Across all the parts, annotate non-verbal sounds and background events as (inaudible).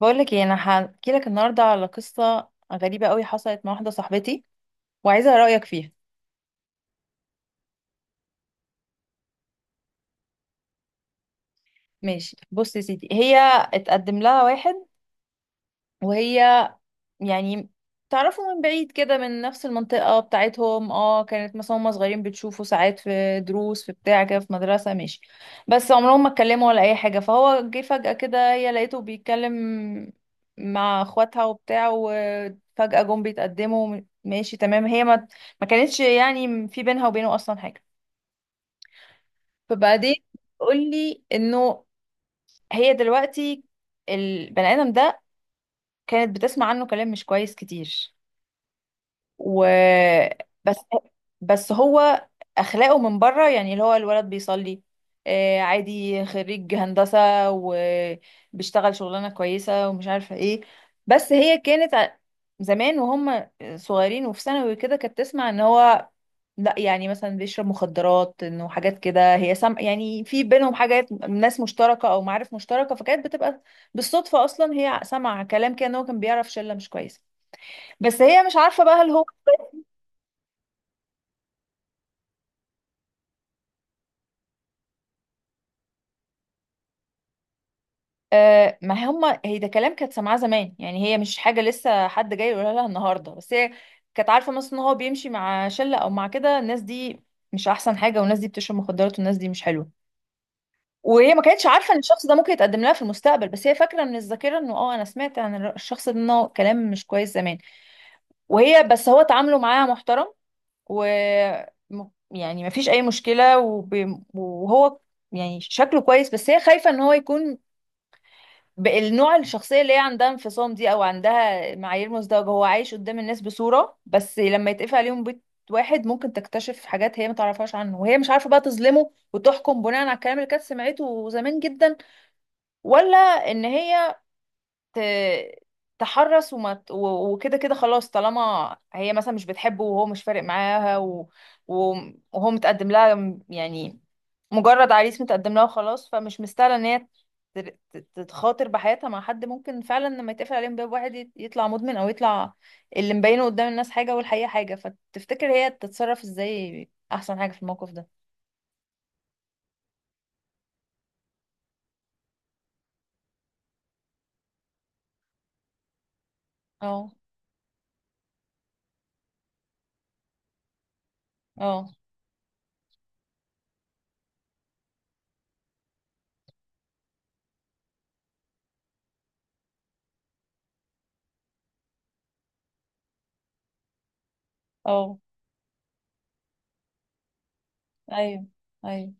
بقولك ايه، انا هحكي لك النهارده على قصه غريبه قوي حصلت مع واحده صاحبتي وعايزه رايك فيها. ماشي، بص يا سيدي، هي اتقدم لها واحد، وهي يعني تعرفوا من بعيد كده، من نفس المنطقة بتاعتهم. اه، كانت مثلا هما صغيرين بتشوفوا ساعات في دروس في بتاع كده، في مدرسة، ماشي. بس عمرهم ما اتكلموا ولا أي حاجة. فهو جه فجأة كده، هي لقيته بيتكلم مع اخواتها وبتاع، وفجأة جم بيتقدموا. ماشي، تمام. هي ما كانتش يعني في بينها وبينه أصلا حاجة. فبعدين قول لي إنه هي دلوقتي البني آدم ده كانت بتسمع عنه كلام مش كويس كتير، و بس بس هو اخلاقه من بره، يعني اللي هو الولد بيصلي، آه، عادي، خريج هندسة وبيشتغل شغلانة كويسة ومش عارفة ايه. بس هي كانت زمان وهم صغيرين وفي ثانوي كده كانت تسمع ان هو لا، يعني مثلا بيشرب مخدرات، انه حاجات كده. هي يعني في بينهم حاجات، ناس مشتركة او معارف مشتركة، فكانت بتبقى بالصدفة اصلا هي سمع كلام كده ان هو كان بيعرف شلة مش كويسة. بس هي مش عارفة بقى هل هو. آه، ما هما، هي ده كلام كانت سامعاه زمان، يعني هي مش حاجة لسه حد جاي يقولها لها النهاردة. بس هي كانت عارفة مثلا ان هو بيمشي مع شلة او مع كده، الناس دي مش احسن حاجة، والناس دي بتشرب مخدرات، والناس دي مش حلوة. وهي ما كانتش عارفة ان الشخص ده ممكن يتقدم لها في المستقبل. بس هي فاكرة من الذاكرة انه اه، انا سمعت عن الشخص ده انه كلام مش كويس زمان. وهي بس هو تعامله معاها محترم، و يعني ما فيش اي مشكلة، وهو يعني شكله كويس. بس هي خايفة ان هو يكون النوع الشخصية اللي هي عندها انفصام دي، او عندها معايير مزدوجة، هو عايش قدام الناس بصورة، بس لما يتقفل عليهم بيت واحد ممكن تكتشف حاجات هي ما تعرفهاش عنه. وهي مش عارفة بقى تظلمه وتحكم بناء على الكلام اللي كانت سمعته زمان جدا، ولا ان هي ت- تحرص، وكده كده خلاص، طالما هي مثلا مش بتحبه وهو مش فارق معاها، و- وهو متقدم لها يعني مجرد عريس متقدم لها وخلاص، فمش مستاهله ان هي تتخاطر بحياتها مع حد ممكن فعلا لما يتقفل عليهم باب واحد يطلع مدمن، او يطلع اللي مبينه قدام الناس حاجه والحقيقه حاجه. فتفتكر هي تتصرف ازاي؟ احسن حاجه في الموقف ده. اه، اه، اه، ايوه، ايوه،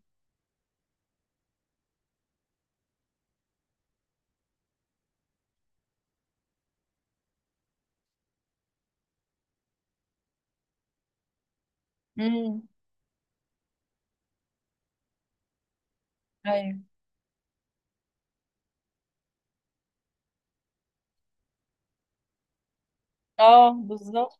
امم ايوه، اه بالظبط.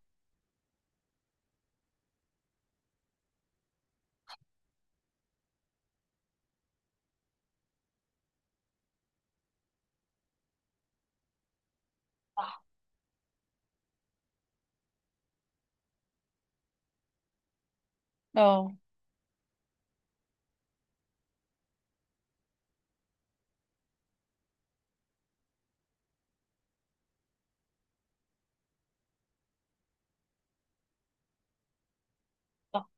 صح. اه، صح،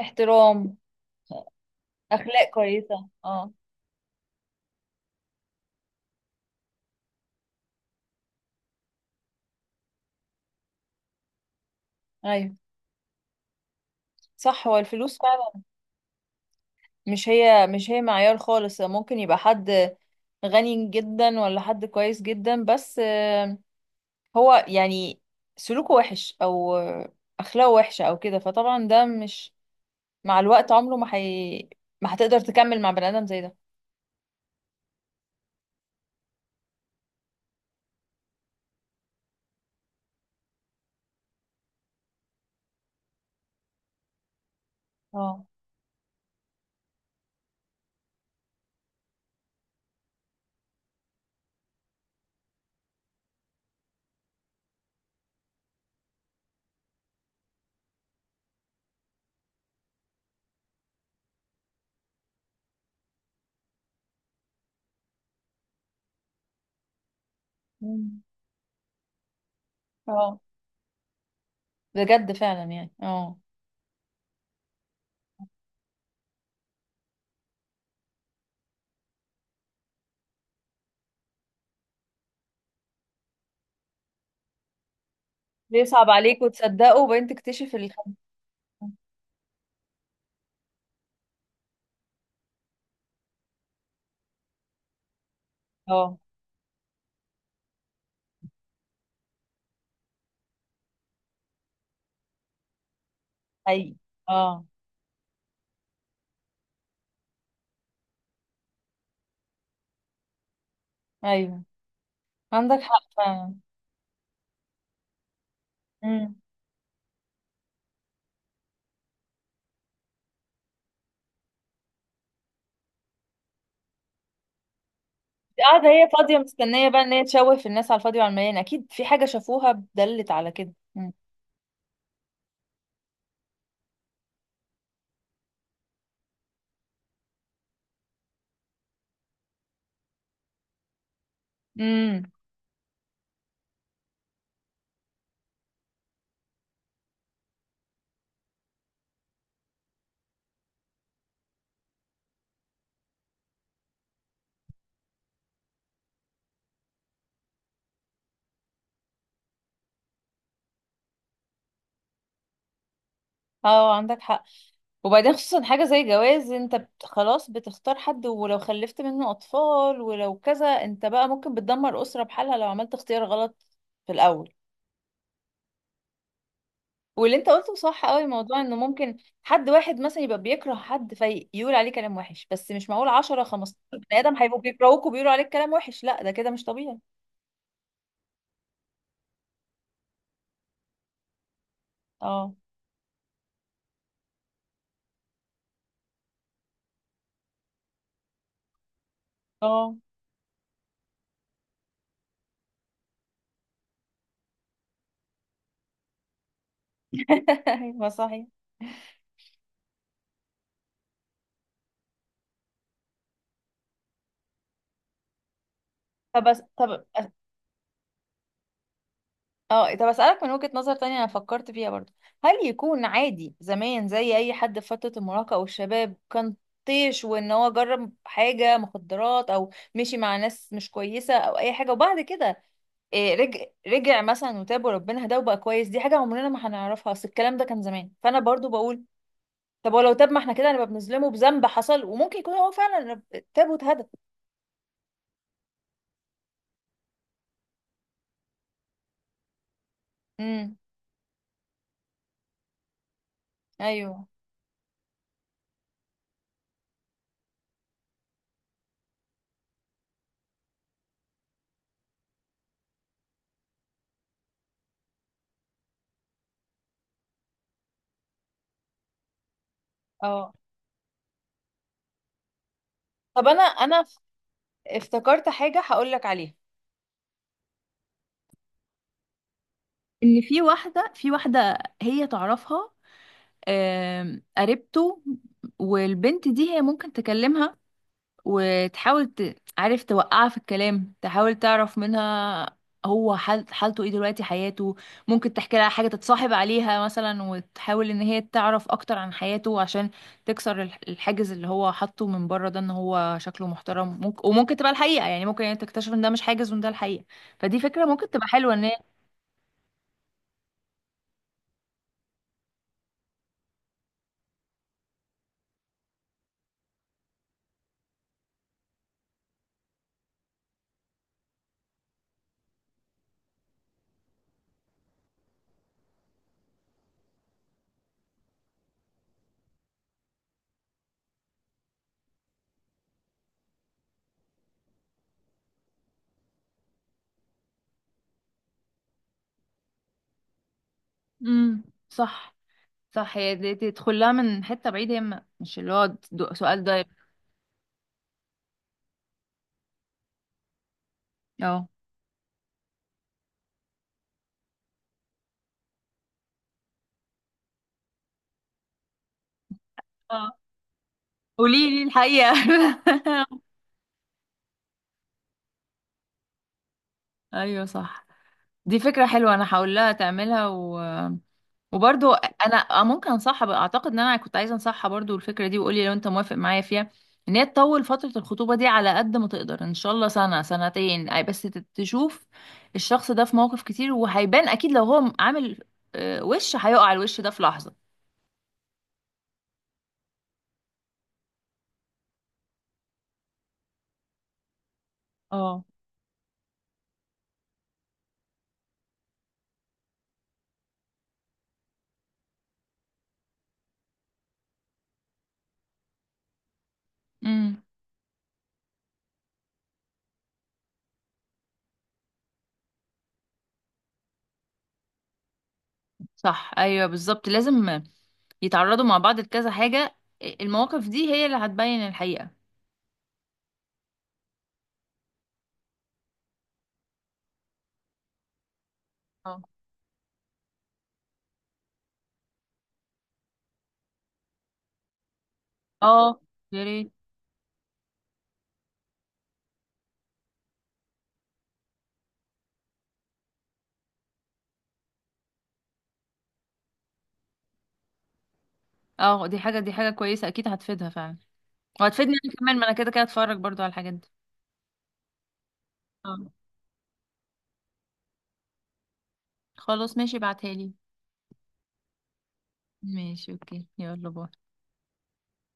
احترام، اخلاق كويسه، اه، ايوه، صح، هو الفلوس فعلا، مش هي، مش هي معيار خالص. ممكن يبقى حد غني جدا، ولا حد كويس جدا بس آه، هو يعني سلوكه وحش، او آه، اخلاقه وحشه او كده، فطبعا ده مش، مع الوقت عمره ما هي ما هتقدر تكمل مع بني ادم زي ده. اه. مم. اه، بجد، فعلا، يعني اه، بيصعب عليك وتصدقه وبعدين تكتشف اه، حقيقي. اه، ايوه، عندك حق فعلا. امم قاعدة هي فاضية مستنية بقى ان هي تشوه في الناس على الفاضي وعلى المليان؟ اكيد في حاجة شافوها دلت على كده. امم. أمم. اه، عندك حق. وبعدين خصوصا حاجة زي جواز، خلاص، بتختار حد، ولو خلفت منه اطفال ولو كذا، انت بقى ممكن بتدمر اسرة بحالها لو عملت اختيار غلط في الاول. واللي انت قلته صح قوي، موضوع انه ممكن حد واحد مثلا يبقى بيكره حد فيقول عليه كلام وحش، بس مش معقول 10 15 بني ادم هيبقوا بيكرهوك وبيقولوا عليك كلام وحش. لا، ده كده مش طبيعي. اه، اه، (laughs) ايوه، صحيح. طب، اه، طب اسالك من وجهة نظر تانية انا فكرت فيها برضو، هل يكون عادي زمان زي اي حد في فترة المراهقة او الشباب كان طيش، وان هو جرب حاجة مخدرات او مشي مع ناس مش كويسة او اي حاجة، وبعد كده إيه، رجع مثلا وتاب وربنا هداه وبقى كويس؟ دي حاجة عمرنا ما هنعرفها، اصل الكلام ده كان زمان. فانا برضو بقول طب ولو تاب، ما احنا كده نبقى بنظلمه بذنب حصل، وممكن يكون هو فعلا تاب واتهدى. امم، ايوه، اه، طب انا افتكرت حاجة هقولك عليها. ان في واحده، هي تعرفها، آم، قريبته، والبنت دي هي ممكن تكلمها، وتحاول عارف توقعها في الكلام، تحاول تعرف منها هو حالته ايه دلوقتي، حياته. ممكن تحكي لها حاجه تتصاحب عليها مثلا، وتحاول ان هي تعرف اكتر عن حياته عشان تكسر الحاجز اللي هو حاطه من بره ده، ان هو شكله محترم. ممكن، وممكن تبقى الحقيقه، يعني ممكن يعني تكتشف ان ده مش حاجز وان ده الحقيقه. فدي فكره ممكن تبقى حلوه ان هي. امم صح، صح، هي دي تدخل لها من حتة بعيدة، هي مش اللي هو سؤال دايركت. اه، اه، قولي لي الحقيقة. (laughs) ايوه، صح. دي فكرة حلوة انا هقول لها تعملها و... وبرضو انا آه، ممكن انصحها بقى. اعتقد ان انا كنت عايزة انصحها برضو الفكرة دي، وقولي لو انت موافق معايا فيها، ان هي تطول فترة الخطوبة دي على قد ما تقدر ان شاء الله، سنة سنتين أي، بس تشوف الشخص ده في مواقف كتير، وهيبان اكيد لو هو عامل آه، وش، هيقع الوش ده في لحظة. اه، امم صح، ايوه، بالظبط، لازم يتعرضوا مع بعض لكذا حاجه. المواقف دي هي اللي هتبين الحقيقه. اه، اه، يا ريت. اه، دي حاجه كويسه اكيد هتفيدها فعلا. وهتفيدني انا كمان، ما انا كده كده هتفرج برضو على الحاجات دي. اه، خلاص، ماشي، ابعتها لي. ماشي، اوكي، يلا، باي.